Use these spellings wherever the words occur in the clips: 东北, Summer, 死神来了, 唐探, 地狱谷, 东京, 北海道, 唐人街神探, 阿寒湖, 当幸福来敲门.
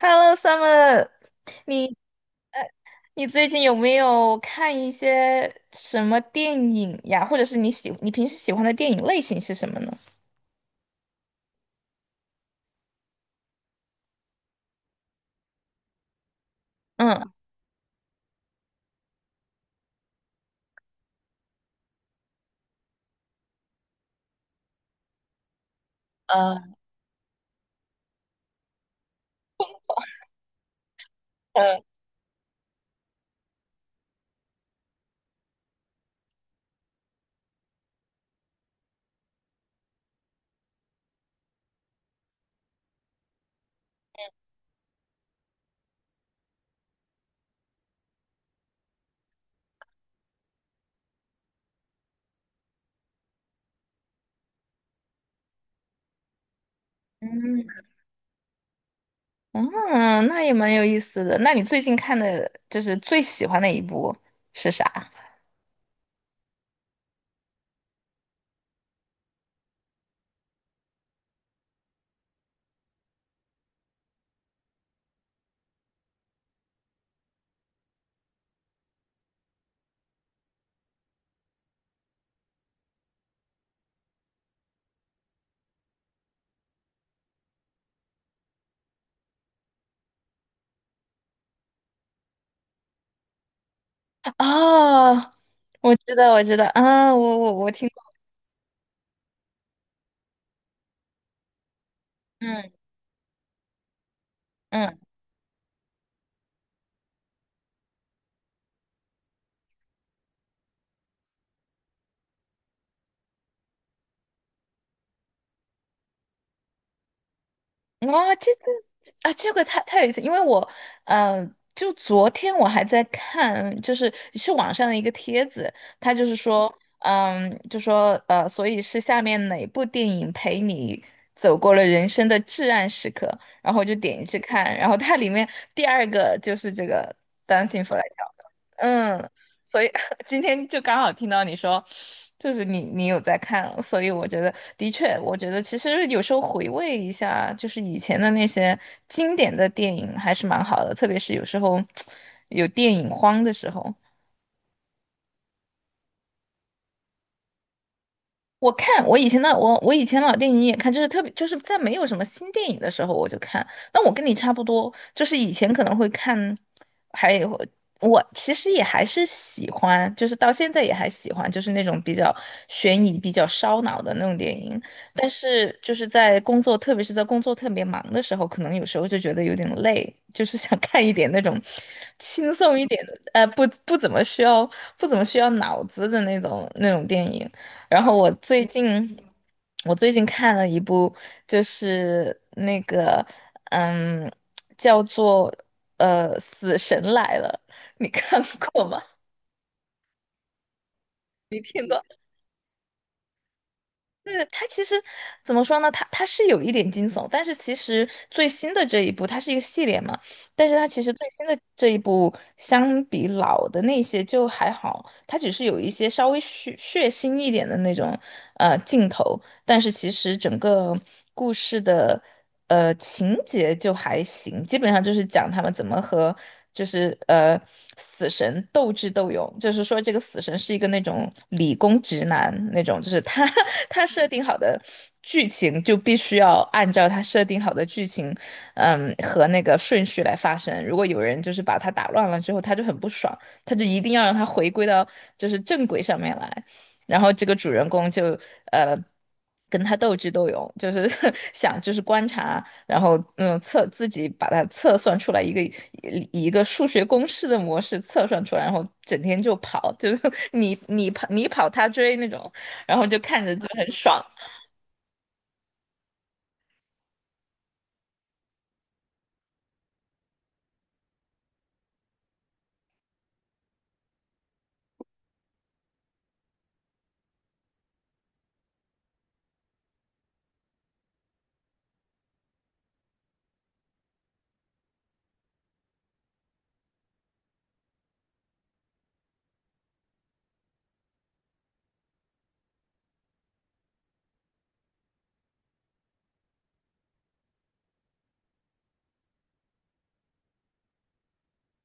Hello, Summer，你你最近有没有看一些什么电影呀？或者是你平时喜欢的电影类型是什么呢？嗯嗯嗯嗯，那也蛮有意思的。那你最近看的就是最喜欢的一部是啥？哦，我知道，我知道，啊，我听过，嗯哇，这个太有意思，因为我，就昨天我还在看，就是是网上的一个帖子，他就是说，嗯，就说所以是下面哪部电影陪你走过了人生的至暗时刻，然后我就点进去看，然后它里面第二个就是这个《当幸福来敲门》，所以 今天就刚好听到你说，就是你有在看，所以我觉得的确，我觉得其实有时候回味一下，就是以前的那些经典的电影还是蛮好的，特别是有时候 有电影荒的时候，我看我以前的我我以前老电影也看，就是特别就是在没有什么新电影的时候我就看。但我跟你差不多，就是以前可能会看，还有我其实也还是喜欢，就是到现在也还喜欢，就是那种比较悬疑、比较烧脑的那种电影。但是就是在工作，特别是在工作特别忙的时候，可能有时候就觉得有点累，就是想看一点那种轻松一点的，不怎么需要不怎么需要脑子的那种电影。然后我最近，我最近看了一部，就是那个，嗯，叫做《死神来了》，你看过吗？听对，它其实怎么说呢？它是有一点惊悚，但是其实最新的这一部，它是一个系列嘛，但是它其实最新的这一部相比老的那些就还好，它只是有一些稍微血腥一点的那种镜头，但是其实整个故事的。呃，情节就还行，基本上就是讲他们怎么和就是呃死神斗智斗勇，就是说这个死神是一个那种理工直男那种，就是他 他设定好的剧情就必须要按照他设定好的剧情，嗯和那个顺序来发生。如果有人就是把他打乱了之后，他就很不爽，他就一定要让他回归到就是正轨上面来。然后这个主人公就呃跟他斗智斗勇，就是 想就是观察，然后嗯测自己把它测算出来一个以一个数学公式的模式测算出来，然后整天就跑，就是 你跑他追那种，然后就看着就很爽，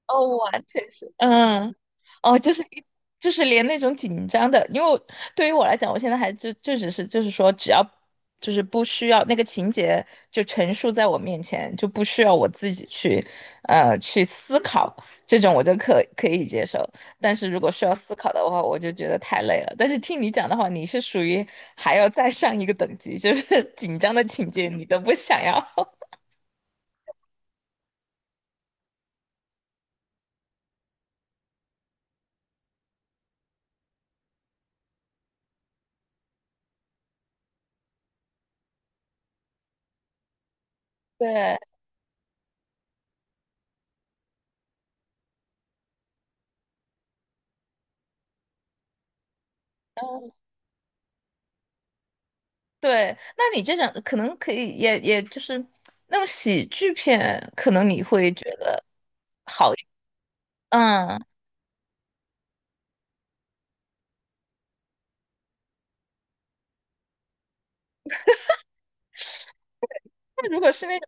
哦，完全是，嗯，哦，就是一，就是连那种紧张的，因为我对于我来讲，我现在还就只是就是说，只要就是不需要那个情节就陈述在我面前，就不需要我自己去去思考，这种我就可以接受。但是如果需要思考的话，我就觉得太累了。但是听你讲的话，你是属于还要再上一个等级，就是 紧张的情节你都不想要。对，对，那你这种可能可以，也也就是那种喜剧片，可能你会觉得好一点嗯。那如果是那种，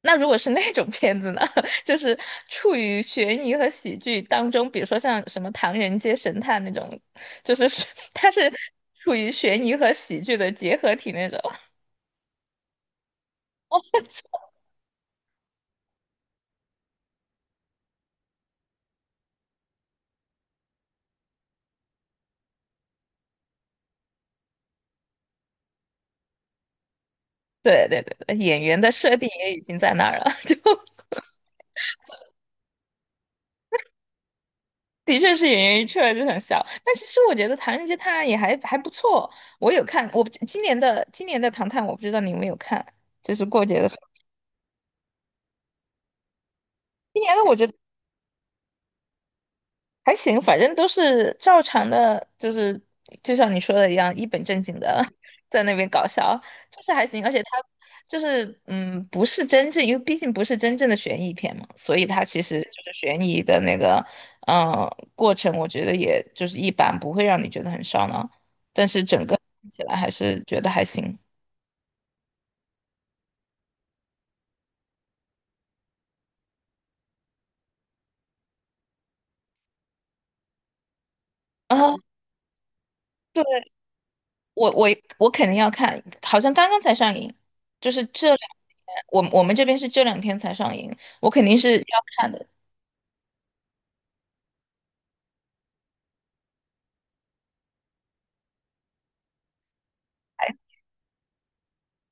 那如果是那种片子呢，就是处于悬疑和喜剧当中，比如说像什么《唐人街神探》那种，就是是 它是处于悬疑和喜剧的结合体那种。对对对对，演员的设定也已经在那儿了，就。的确是演员一出来就很笑，但其实我觉得《唐人街探案》也还不错，我有看，我不今年的今年的《唐探》，我不知道你有没有看，就是过节的时候，今年的我觉得还行，反正都是照常的，就是就像你说的一样，一本正经的 在那边搞笑，就是还行。而且它就是嗯，不是真正，因为毕竟不是真正的悬疑片嘛，所以它其实就是悬疑的那个过程，我觉得也就是一般，不会让你觉得很烧脑。但是整个看起来还是觉得还行啊。对。我我我肯定要看，好像刚刚才上映，就是这两天，我们这边是这两天才上映，我肯定是要看的。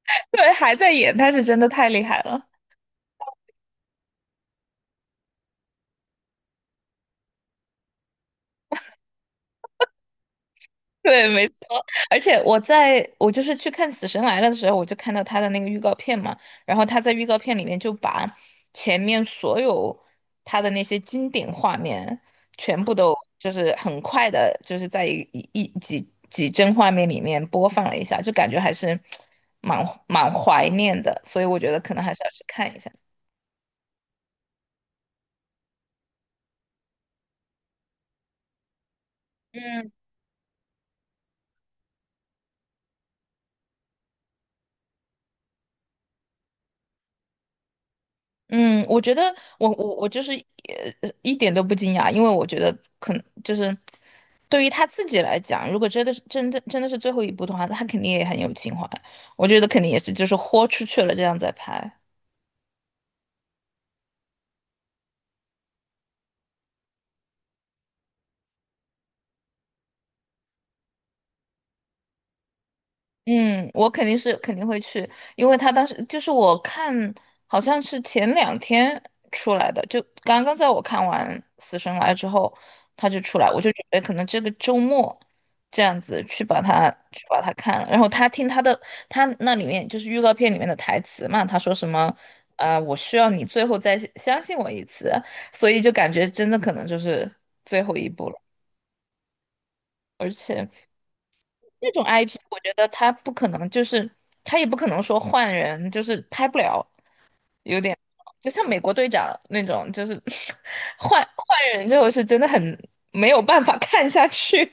对，还在演，他是真的太厉害了。对，没错。而且我就是去看《死神来了》的时候，我就看到他的那个预告片嘛，然后他在预告片里面就把前面所有他的那些经典画面全部都就是很快的，就是在一一一几几帧画面里面播放了一下，就感觉还是蛮怀念的，所以我觉得可能还是要去看一下。嗯。嗯，我觉得我就是一点都不惊讶，因为我觉得可能就是对于他自己来讲，如果真的真的是最后一部的话，他肯定也很有情怀，我觉得肯定也是就是豁出去了这样在拍。嗯，我肯定是肯定会去，因为他当时就是我看，好像是前两天出来的，就刚刚在我看完《死神来》之后，他就出来，我就准备可能这个周末这样子去把它看了。然后他听他的，他那里面就是预告片里面的台词嘛，他说什么，呃，我需要你最后再相信我一次，所以就感觉真的可能就是最后一步了，而且。那种 IP，我觉得他不可能，就是他也不可能说换人，就是拍不了，有点就像美国队长那种，就是 换人之后是真的很没有办法看下去，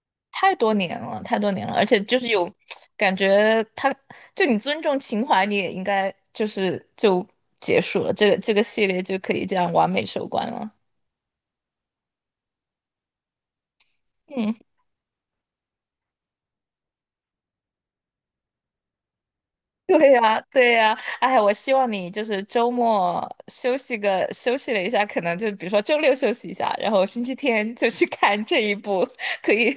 太多年了，太多年了，而且就是有感觉他，就你尊重情怀，你也应该就结束了，这个系列就可以这样完美收官了。嗯。对呀，对呀，哎，我希望你就是周末休息了一下，可能就比如说周六休息一下，然后星期天就去看这一部可以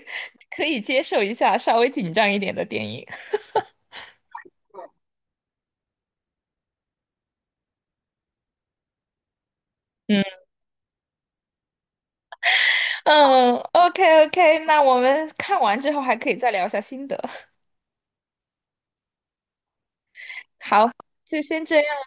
可以接受一下稍微紧张一点的电影。嗯嗯，OK OK，那我们看完之后还可以再聊一下心得。好，就先这样。